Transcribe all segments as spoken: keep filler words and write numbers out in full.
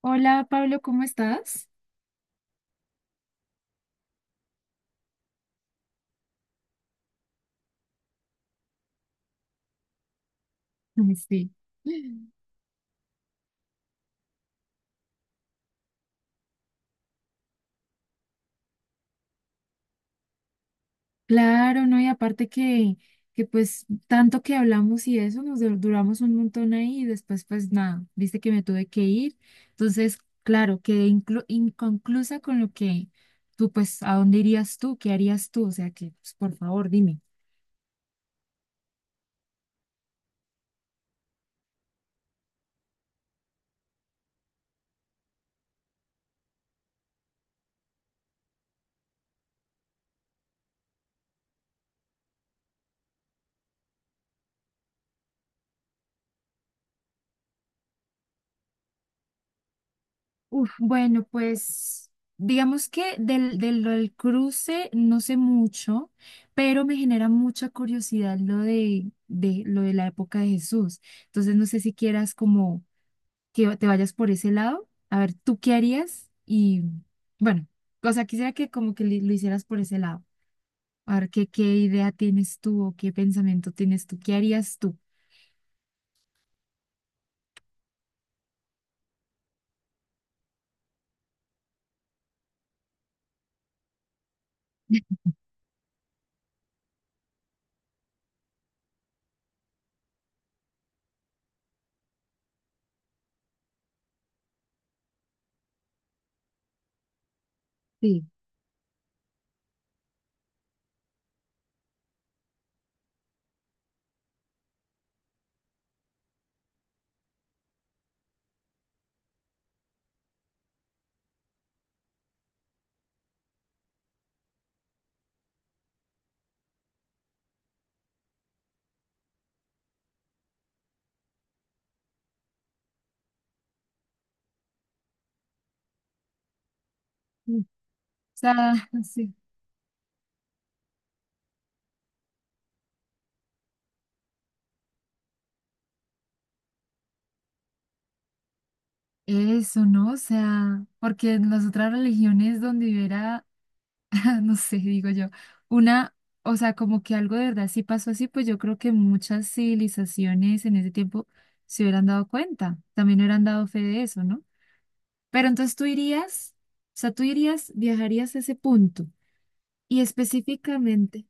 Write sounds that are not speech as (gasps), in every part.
Hola Pablo, ¿cómo estás? (laughs) Sí. Claro, ¿no? Y aparte que, que pues tanto que hablamos y eso, nos dur- duramos un montón ahí y después pues nada, viste que me tuve que ir. Entonces, claro, quedé inclu- inconclusa con lo que tú pues, ¿a dónde irías tú? ¿Qué harías tú? O sea que, pues, por favor, dime. Uf, bueno, pues digamos que del, del, lo del cruce no sé mucho, pero me genera mucha curiosidad lo de, de lo de la época de Jesús. Entonces no sé si quieras como que te vayas por ese lado. A ver, ¿tú qué harías? Y bueno, o sea, quisiera que como que li- lo hicieras por ese lado. A ver, ¿qué, qué idea tienes tú o qué pensamiento tienes tú? ¿Qué harías tú? Sí. Mm. O sea, (laughs) sí. Eso, ¿no? O sea, porque en las otras religiones donde hubiera, (laughs) no sé, digo yo, una, o sea, como que algo de verdad sí pasó así, pues yo creo que muchas civilizaciones en ese tiempo se hubieran dado cuenta, también hubieran dado fe de eso, ¿no? Pero entonces tú irías, o sea, tú irías, viajarías a ese punto y específicamente,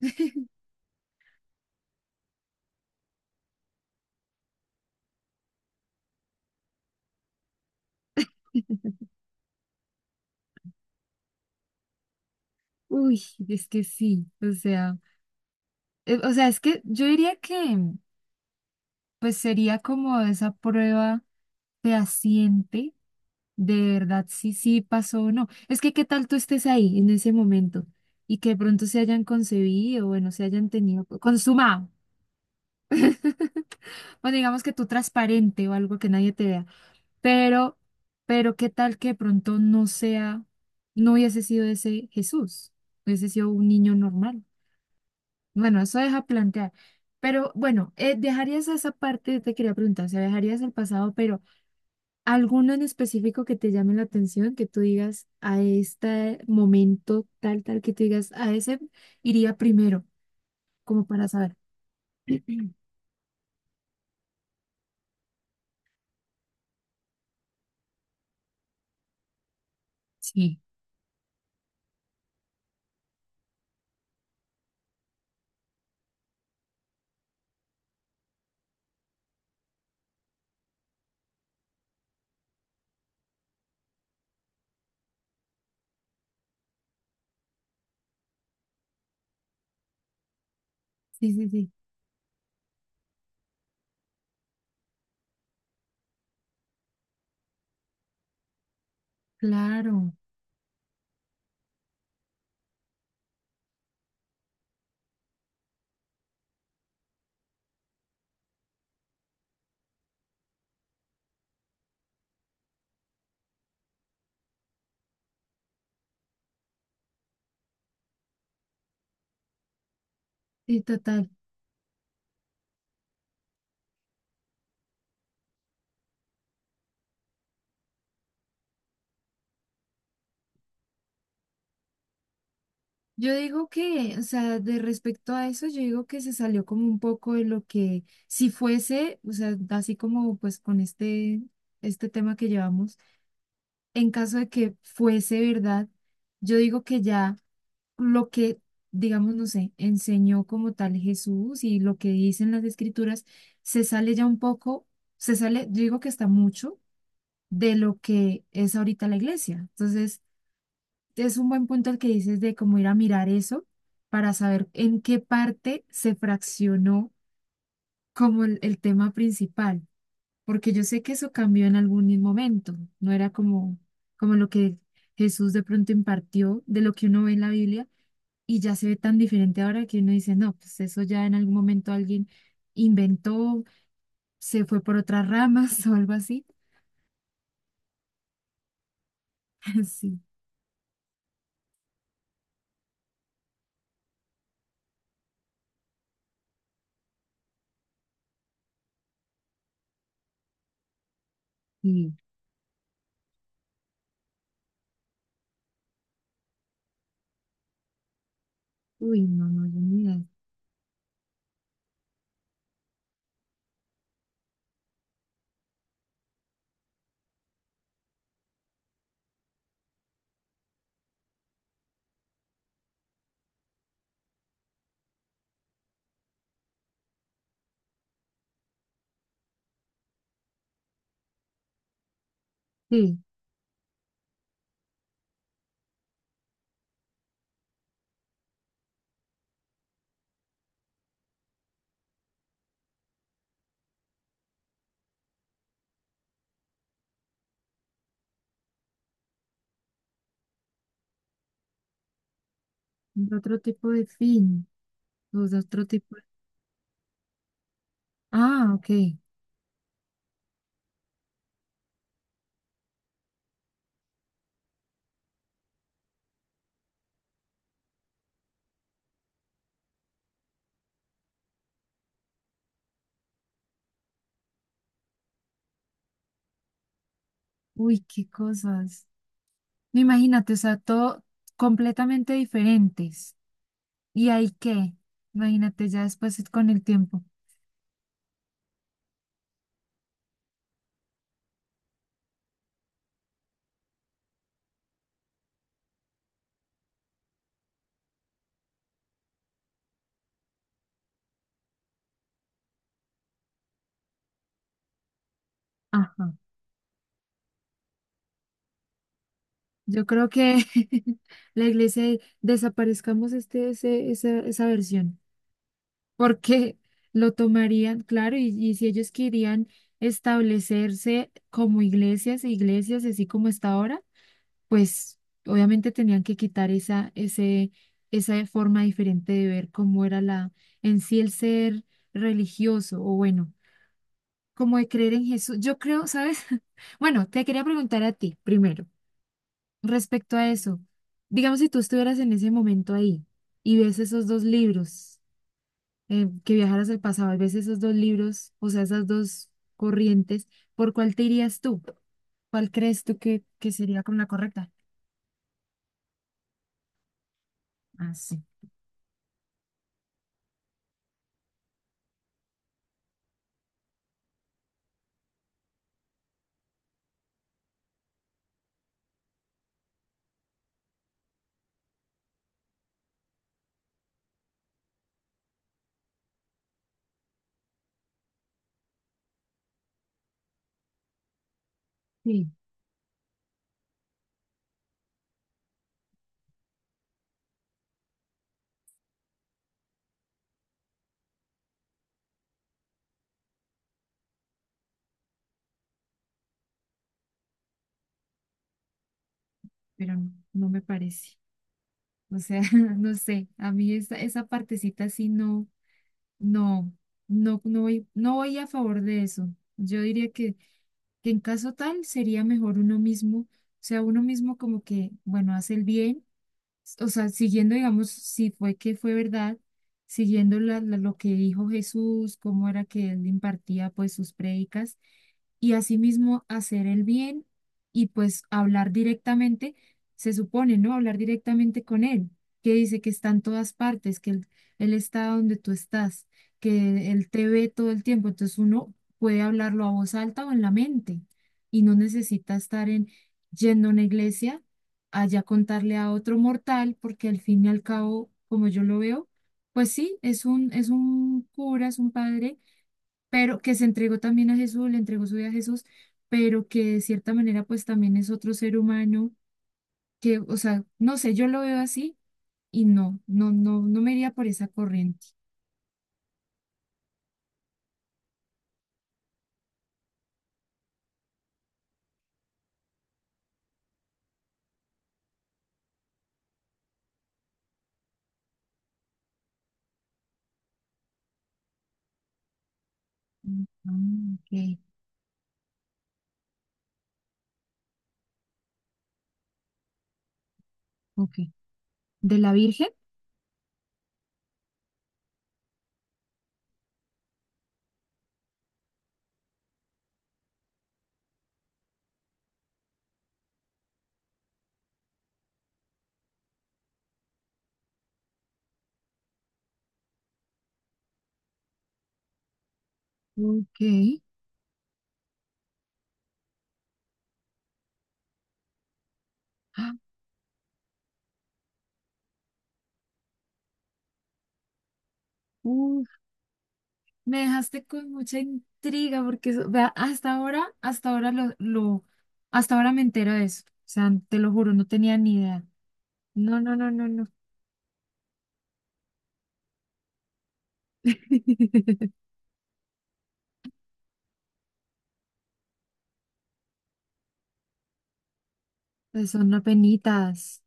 (laughs) uy, es que sí, o sea, eh, o sea, es que yo diría que pues sería como esa prueba fehaciente. De verdad, sí, sí pasó o no. Es que qué tal tú estés ahí en ese momento y que de pronto se hayan concebido, bueno, se hayan tenido, consumado. (laughs) O digamos que tú transparente o algo que nadie te vea. Pero, pero qué tal que de pronto no sea, no hubiese sido ese Jesús, hubiese sido un niño normal. Bueno, eso deja plantear. Pero bueno, eh, dejarías esa parte, te quería preguntar, o sea, dejarías el pasado, pero ¿alguno en específico que te llame la atención, que tú digas a este momento tal, tal, que tú digas a ese iría primero, como para saber? (clears throat) Sí. Sí, sí, sí, claro, sí, total. Yo digo que, o sea, de respecto a eso, yo digo que se salió como un poco de lo que, si fuese, o sea, así como pues con este, este tema que llevamos, en caso de que fuese verdad, yo digo que ya. Lo que, digamos, no sé, enseñó como tal Jesús y lo que dicen las escrituras, se sale ya un poco, se sale, yo digo que está mucho de lo que es ahorita la iglesia. Entonces, es un buen punto el que dices de cómo ir a mirar eso para saber en qué parte se fraccionó como el, el tema principal, porque yo sé que eso cambió en algún momento, no era como, como lo que Jesús de pronto impartió de lo que uno ve en la Biblia y ya se ve tan diferente ahora que uno dice, no, pues eso ya en algún momento alguien inventó, se fue por otras ramas (laughs) o algo así. (laughs) Sí, sí. Uy, no, no, yo ni idea. Sí, otro tipo de fin, o sea, otro tipo de- Ah, ok. Uy, qué cosas. No, imagínate, o sea, todo completamente diferentes. ¿Y ahí qué? Imagínate ya después es con el tiempo. Ajá. Yo creo que (laughs) la iglesia desaparezcamos este, ese, esa, esa versión. Porque lo tomarían, claro, y, y si ellos querían establecerse como iglesias, iglesias así como está ahora, pues obviamente tenían que quitar esa, ese, esa forma diferente de ver cómo era la, en sí el ser religioso, o bueno, como de creer en Jesús. Yo creo, ¿sabes? (laughs) Bueno, te quería preguntar a ti primero, respecto a eso, digamos si tú estuvieras en ese momento ahí y ves esos dos libros eh, que viajaras el pasado, al veces esos dos libros, o sea, esas dos corrientes, ¿por cuál te irías tú? ¿Cuál crees tú que, que sería como la correcta? Ah, sí. Sí, pero no, no me parece. O sea, (laughs) no sé, a mí esa, esa partecita sí no, no, no, no voy, no voy a favor de eso. Yo diría que, que en caso tal sería mejor uno mismo, o sea, uno mismo como que, bueno, hace el bien, o sea, siguiendo, digamos, si fue que fue verdad, siguiendo la- la- lo que dijo Jesús, cómo era que él impartía pues sus prédicas y asimismo hacer el bien y pues hablar directamente, se supone, ¿no? Hablar directamente con él, que dice que está en todas partes, que él, él está donde tú estás, que él te ve todo el tiempo, entonces uno puede hablarlo a voz alta o en la mente y no necesita estar en... yendo a una iglesia allá contarle a otro mortal, porque al fin y al cabo, como yo lo veo, pues sí, es un, es un cura, es un padre, pero que se entregó también a Jesús, le entregó su vida a Jesús, pero que de cierta manera pues también es otro ser humano, que, o sea, no sé, yo lo veo así y no, no, no, no me iría por esa corriente. Mm, ah, ok, ok. ¿De la Virgen? Ok. Ah, (gasps) me dejaste con mucha intriga porque eso- vea, hasta ahora, hasta ahora lo, lo, hasta ahora me entero de eso. O sea, te lo juro, no tenía ni idea. No, no, no, no, no. (laughs) Pues son no penitas.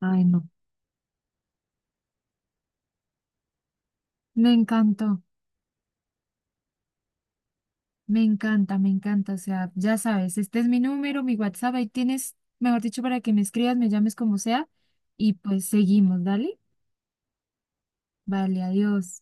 Ay, no. Me encantó, me encanta, me encanta. O sea, ya sabes, este es mi número, mi WhatsApp, ahí tienes, mejor dicho, para que me escribas, me llames como sea. Y pues seguimos, dale. Vale, adiós.